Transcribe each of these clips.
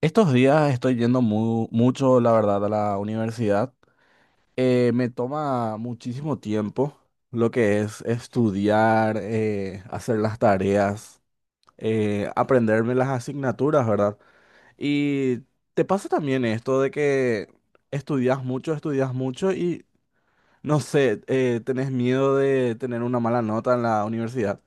Estos días estoy yendo mucho, la verdad, a la universidad. Me toma muchísimo tiempo lo que es estudiar, hacer las tareas, aprenderme las asignaturas, ¿verdad? Y te pasa también esto de que estudias mucho y, no sé, tenés miedo de tener una mala nota en la universidad.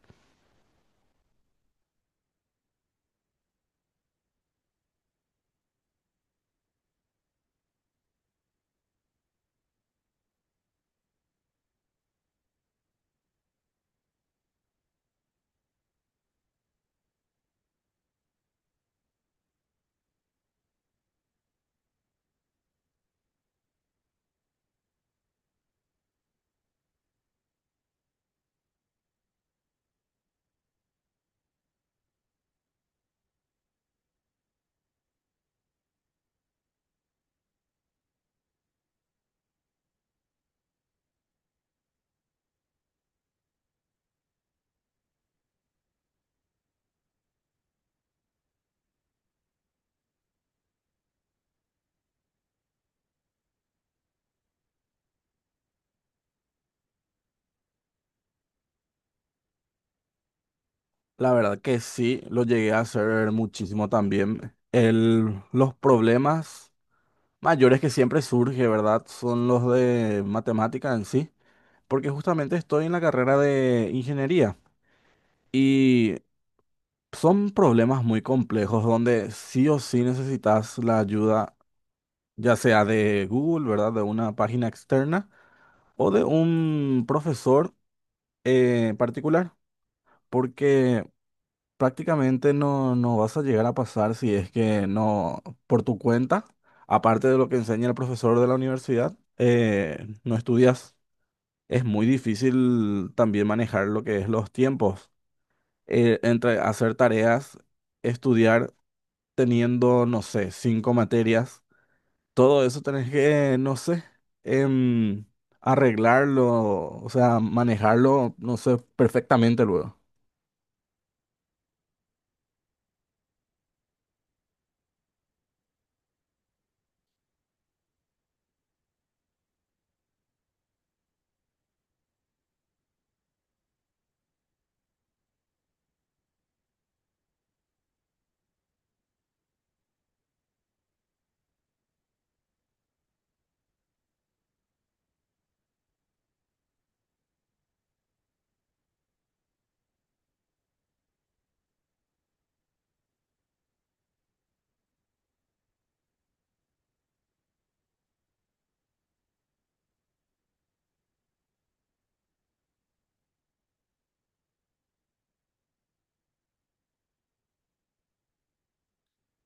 La verdad que sí, lo llegué a hacer muchísimo también. Los problemas mayores que siempre surge, ¿verdad? Son los de matemática en sí, porque justamente estoy en la carrera de ingeniería y son problemas muy complejos donde sí o sí necesitas la ayuda, ya sea de Google, ¿verdad? De una página externa o de un profesor particular, porque prácticamente no vas a llegar a pasar si es que no por tu cuenta, aparte de lo que enseña el profesor de la universidad, no estudias. Es muy difícil también manejar lo que es los tiempos. Entre hacer tareas, estudiar teniendo, no sé, 5 materias, todo eso tenés que, no sé, em, arreglarlo, o sea, manejarlo, no sé, perfectamente luego.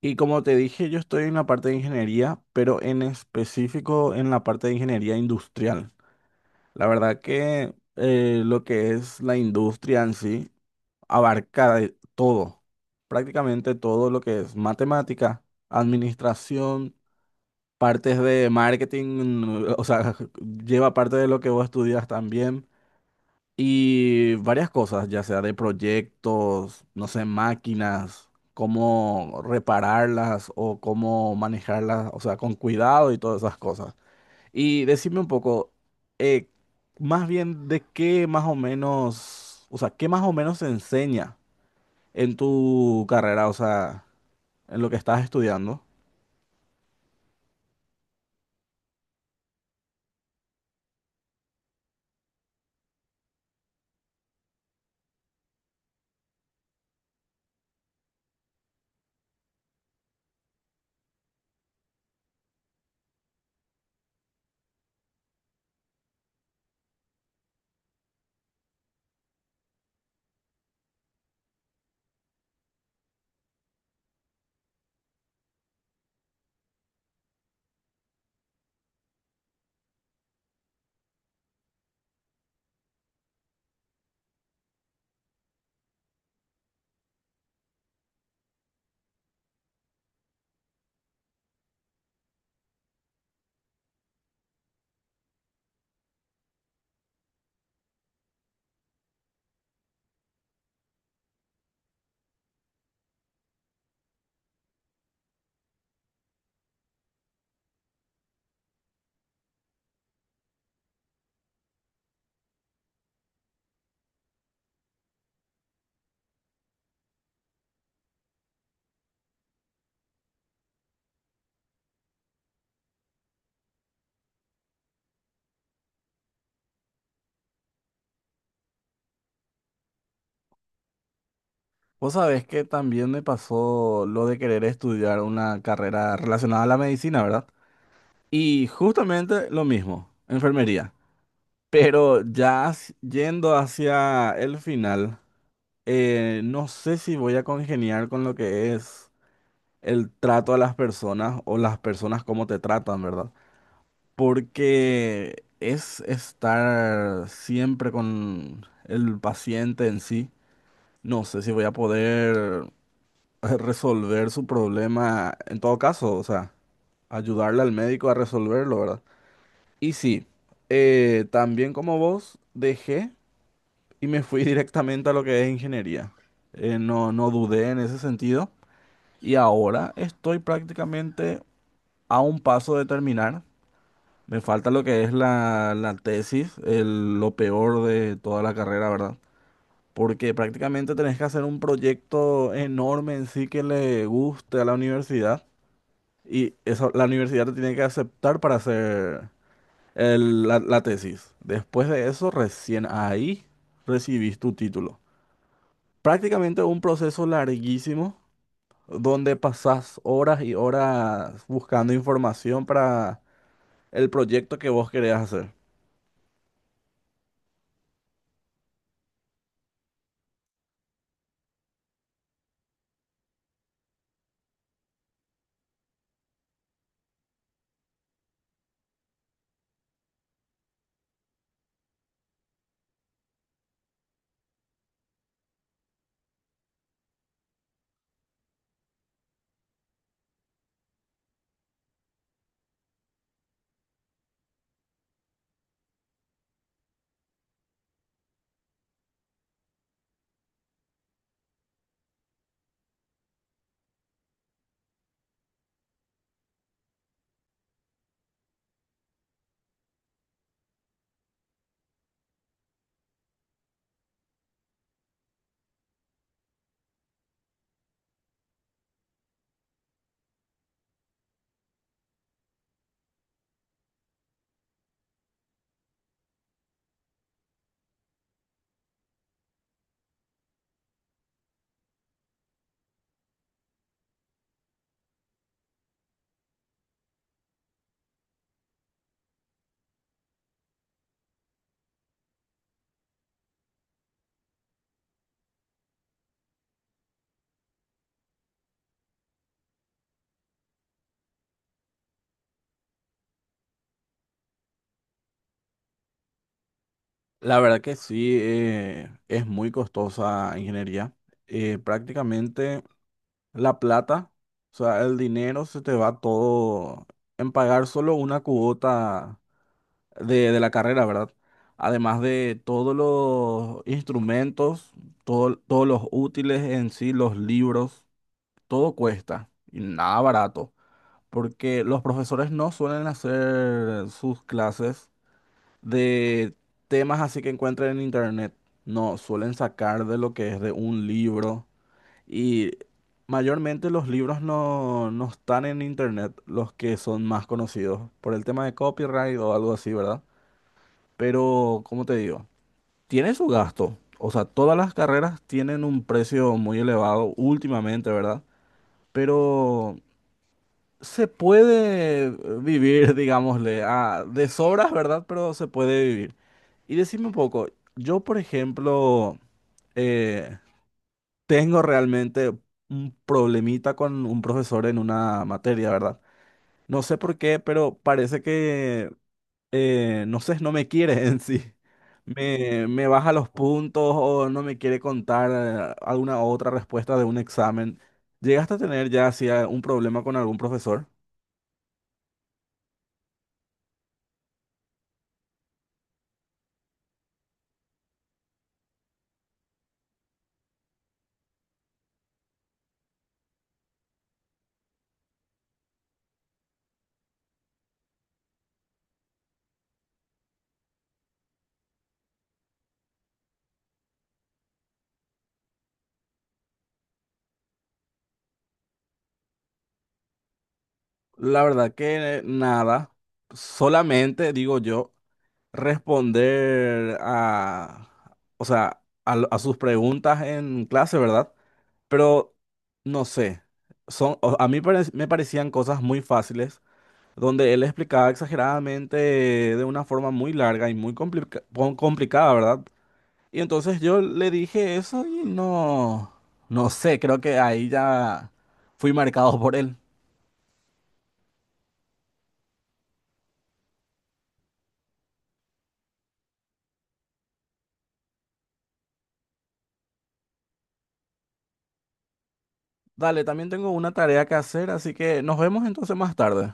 Y como te dije, yo estoy en la parte de ingeniería, pero en específico en la parte de ingeniería industrial. La verdad que lo que es la industria en sí abarca de todo, prácticamente todo lo que es matemática, administración, partes de marketing, o sea, lleva parte de lo que vos estudias también y varias cosas, ya sea de proyectos, no sé, máquinas, cómo repararlas o cómo manejarlas, o sea, con cuidado y todas esas cosas. Y decime un poco, eh, más bien de qué más o menos, o sea, qué más o menos se enseña en tu carrera, o sea, en lo que estás estudiando. Vos sabés que también me pasó lo de querer estudiar una carrera relacionada a la medicina, ¿verdad? Y justamente lo mismo, enfermería. Pero ya yendo hacia el final, no sé si voy a congeniar con lo que es el trato a las personas o las personas cómo te tratan, ¿verdad? Porque es estar siempre con el paciente en sí. No sé si voy a poder resolver su problema en todo caso, o sea, ayudarle al médico a resolverlo, ¿verdad? Y sí, también como vos, dejé y me fui directamente a lo que es ingeniería. No dudé en ese sentido y ahora estoy prácticamente a un paso de terminar. Me falta lo que es la tesis, lo peor de toda la carrera, ¿verdad? Porque prácticamente tenés que hacer un proyecto enorme en sí que le guste a la universidad y eso la universidad te tiene que aceptar para hacer la tesis. Después de eso, recién ahí recibís tu título. Prácticamente un proceso larguísimo donde pasás horas y horas buscando información para el proyecto que vos querés hacer. La verdad que sí, es muy costosa ingeniería. Prácticamente… la plata, o sea, el dinero se te va todo en pagar solo una cuota de la carrera, ¿verdad? Además de todos los instrumentos, todos los útiles en sí, los libros, todo cuesta y nada barato, porque los profesores no suelen hacer sus clases de temas así que encuentren en internet, no, suelen sacar de lo que es de un libro. Y mayormente los libros no están en internet, los que son más conocidos, por el tema de copyright o algo así, ¿verdad? Pero, ¿como te digo? Tiene su gasto. O sea, todas las carreras tienen un precio muy elevado últimamente, ¿verdad? Pero se puede vivir, digámosle, a, de sobras, ¿verdad? Pero se puede vivir. Y decime un poco, yo, por ejemplo, eh, tengo realmente un problemita con un profesor en una materia, ¿verdad? No sé por qué, pero parece que, no sé, no me quiere en sí. Me baja los puntos o no me quiere contar alguna otra respuesta de un examen. ¿Llegaste a tener ya así un problema con algún profesor? La verdad que nada, solamente digo yo, responder a, o sea, a sus preguntas en clase, ¿verdad? Pero no sé, son, a mí me parecían cosas muy fáciles, donde él explicaba exageradamente de una forma muy larga y muy complicada, ¿verdad? Y entonces yo le dije eso y no, no sé, creo que ahí ya fui marcado por él. Dale, también tengo una tarea que hacer, así que nos vemos entonces más tarde.